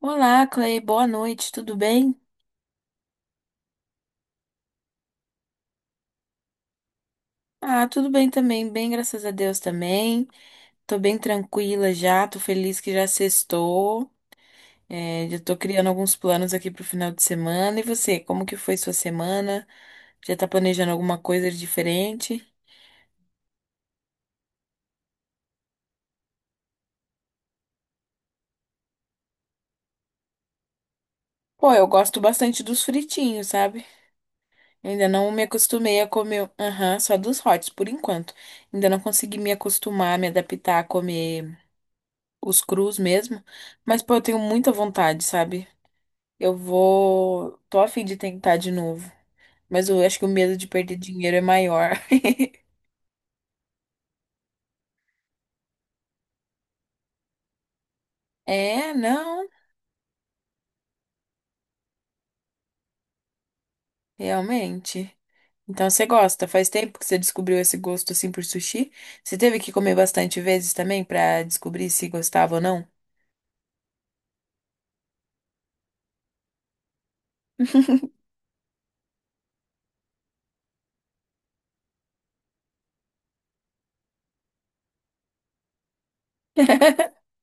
Olá, Clay, boa noite, tudo bem? Ah, tudo bem também, bem, graças a Deus também. Tô bem tranquila já, tô feliz que já sextou. É, já tô criando alguns planos aqui pro final de semana. E você, como que foi sua semana? Já tá planejando alguma coisa de diferente? Pô, eu gosto bastante dos fritinhos, sabe? Eu ainda não me acostumei a comer, aham, só dos hots por enquanto. Ainda não consegui me acostumar, me adaptar a comer os crus mesmo. Mas, pô, eu tenho muita vontade, sabe? Eu vou. Tô a fim de tentar de novo. Mas eu acho que o medo de perder dinheiro é maior. É, não, realmente. Então você gosta? Faz tempo que você descobriu esse gosto assim por sushi? Você teve que comer bastante vezes também pra descobrir se gostava ou não?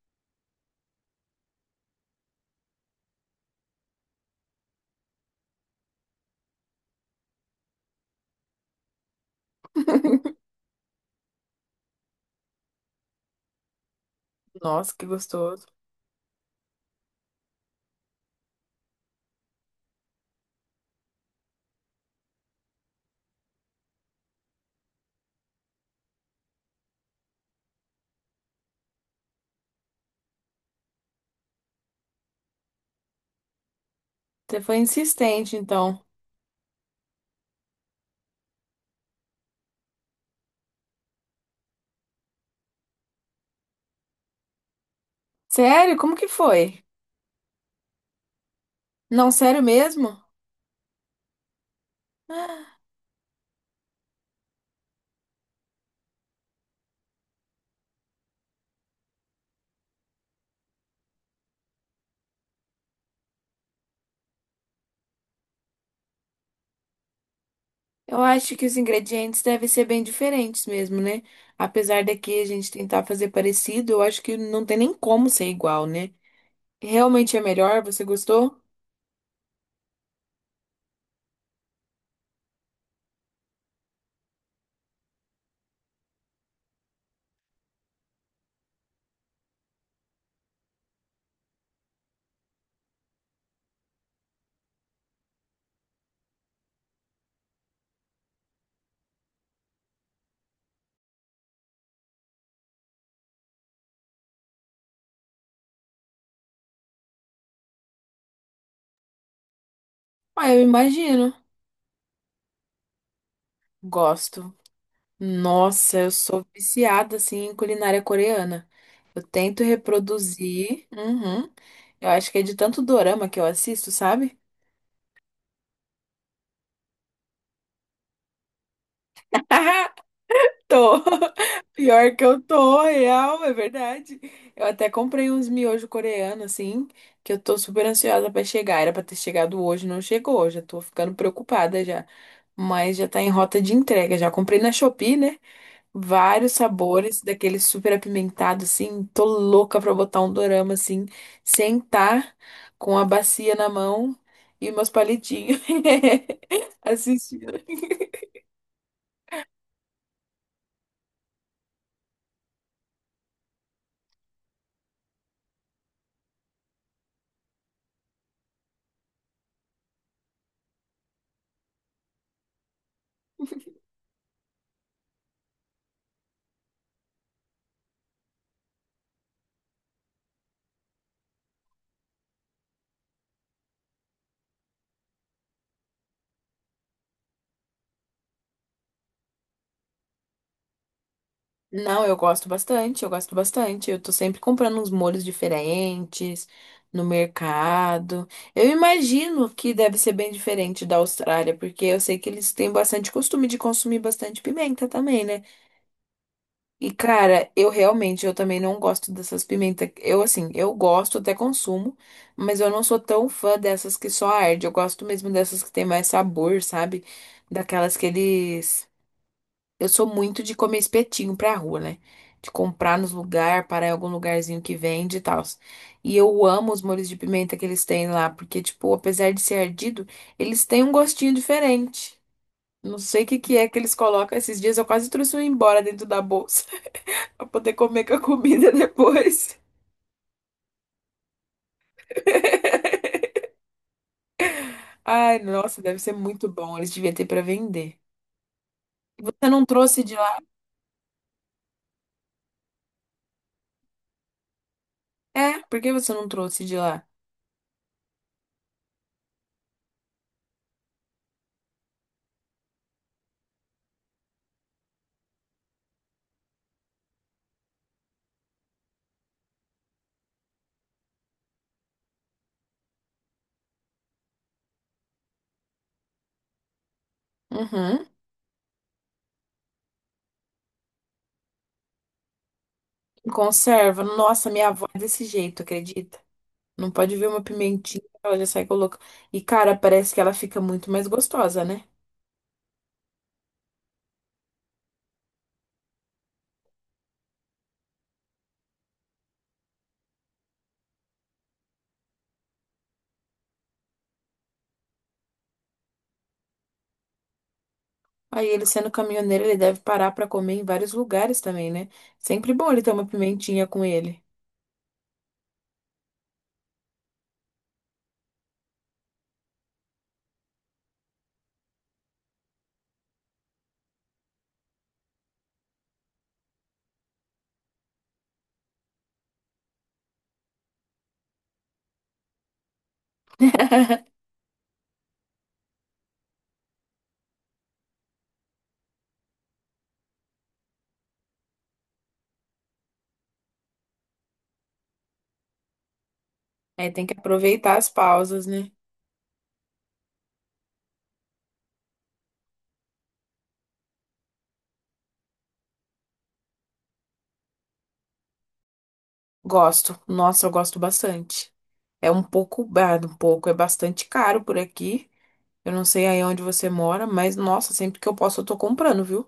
Nossa, que gostoso. Você foi insistente, então. Sério? Como que foi? Não, sério mesmo? Eu acho que os ingredientes devem ser bem diferentes mesmo, né? Apesar daqui a gente tentar fazer parecido, eu acho que não tem nem como ser igual, né? Realmente é melhor? Você gostou? Ah, eu imagino. Gosto. Nossa, eu sou viciada assim em culinária coreana. Eu tento reproduzir. Uhum. Eu acho que é de tanto dorama que eu assisto, sabe? Tô. Pior que eu tô, real, é verdade. Eu até comprei uns miojo coreano, assim, que eu tô super ansiosa pra chegar. Era pra ter chegado hoje, não chegou. Já tô ficando preocupada já. Mas já tá em rota de entrega. Já comprei na Shopee, né? Vários sabores, daquele super apimentado, assim. Tô louca pra botar um dorama, assim, sentar com a bacia na mão e meus palitinhos. Assistindo. Não, eu gosto bastante, eu gosto bastante. Eu tô sempre comprando uns molhos diferentes no mercado. Eu imagino que deve ser bem diferente da Austrália, porque eu sei que eles têm bastante costume de consumir bastante pimenta também, né? E cara, eu realmente, eu também não gosto dessas pimentas. Eu assim, eu gosto, até consumo, mas eu não sou tão fã dessas que só arde. Eu gosto mesmo dessas que tem mais sabor, sabe? Daquelas que eles eu sou muito de comer espetinho pra rua, né? De comprar nos lugares, parar em algum lugarzinho que vende e tal. E eu amo os molhos de pimenta que eles têm lá, porque, tipo, apesar de ser ardido, eles têm um gostinho diferente. Não sei o que que é que eles colocam esses dias. Eu quase trouxe um embora dentro da bolsa pra poder comer com a comida depois. Ai, nossa, deve ser muito bom. Eles deviam ter pra vender. Você não trouxe de lá? É, por que você não trouxe de lá? Uhum. Conserva. Nossa, minha avó é desse jeito, acredita? Não pode ver uma pimentinha, ela já sai colocando. E, cara, parece que ela fica muito mais gostosa, né? Aí ele sendo caminhoneiro, ele deve parar pra comer em vários lugares também, né? Sempre bom ele ter uma pimentinha com ele. Aí tem que aproveitar as pausas, né? Gosto. Nossa, eu gosto bastante. É um pouco, ah, um pouco, é bastante caro por aqui. Eu não sei aí onde você mora, mas nossa, sempre que eu posso eu tô comprando, viu?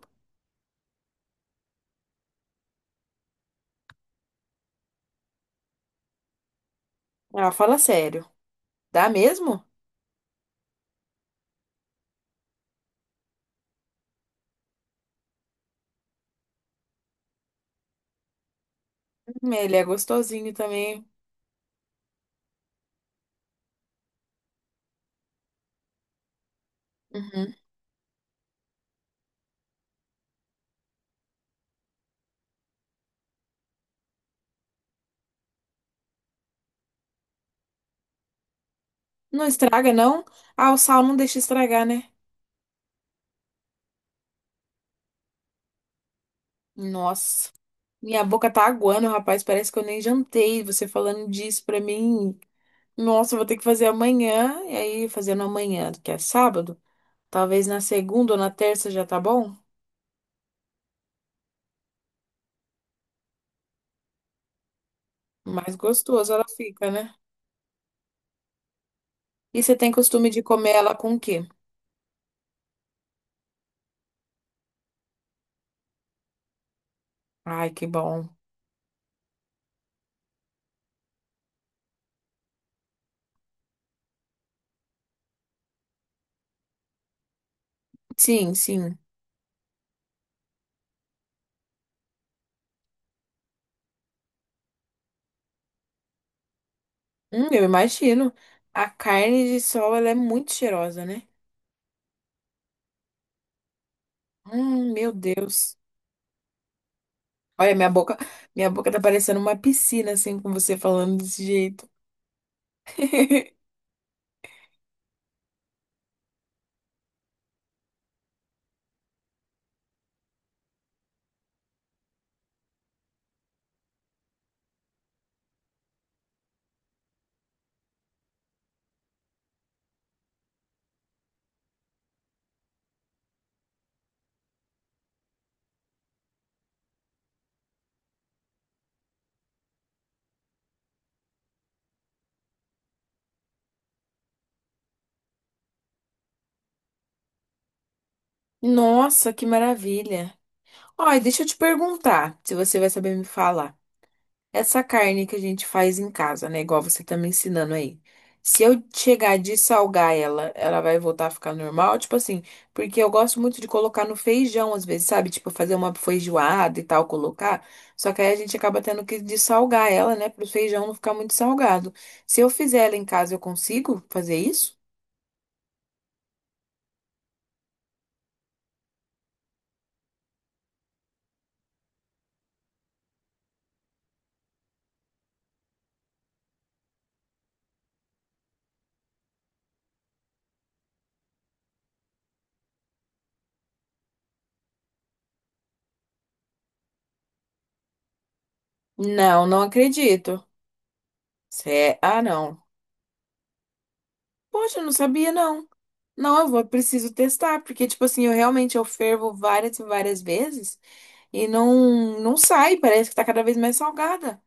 Ah, fala sério. Dá mesmo? Ele é gostosinho também. Uhum. Não estraga, não? Ah, o sal não deixa estragar, né? Nossa, minha boca tá aguando, rapaz. Parece que eu nem jantei. Você falando disso pra mim. Nossa, eu vou ter que fazer amanhã. E aí, fazendo amanhã, que é sábado. Talvez na segunda ou na terça já tá bom? Mais gostoso ela fica, né? E você tem costume de comer ela com o quê? Ai, que bom. Sim, sim. Eu imagino. A carne de sol, ela é muito cheirosa, né? Meu Deus. Olha, minha boca tá parecendo uma piscina, assim, com você falando desse jeito. Nossa, que maravilha. Olha, deixa eu te perguntar, se você vai saber me falar. Essa carne que a gente faz em casa, né? Igual você tá me ensinando aí. Se eu chegar de salgar ela, ela vai voltar a ficar normal? Tipo assim, porque eu gosto muito de colocar no feijão às vezes, sabe? Tipo, fazer uma feijoada e tal, colocar. Só que aí a gente acaba tendo que dessalgar ela, né? Para o feijão não ficar muito salgado. Se eu fizer ela em casa, eu consigo fazer isso? Não, não acredito. Cé- Ah, não. Poxa, eu não sabia, não. Não, eu vou, preciso testar, porque, tipo assim, eu realmente eu fervo várias vezes e não, não sai, parece que tá cada vez mais salgada.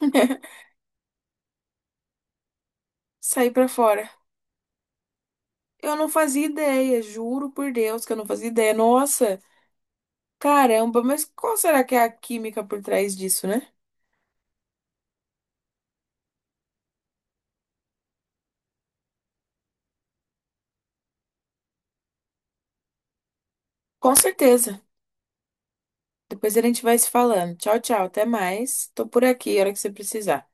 Sair pra fora. Eu não fazia ideia, juro por Deus que eu não fazia ideia. Nossa, caramba, mas qual será que é a química por trás disso, né? Com certeza. Depois a gente vai se falando. Tchau, tchau, até mais. Tô por aqui, a hora que você precisar.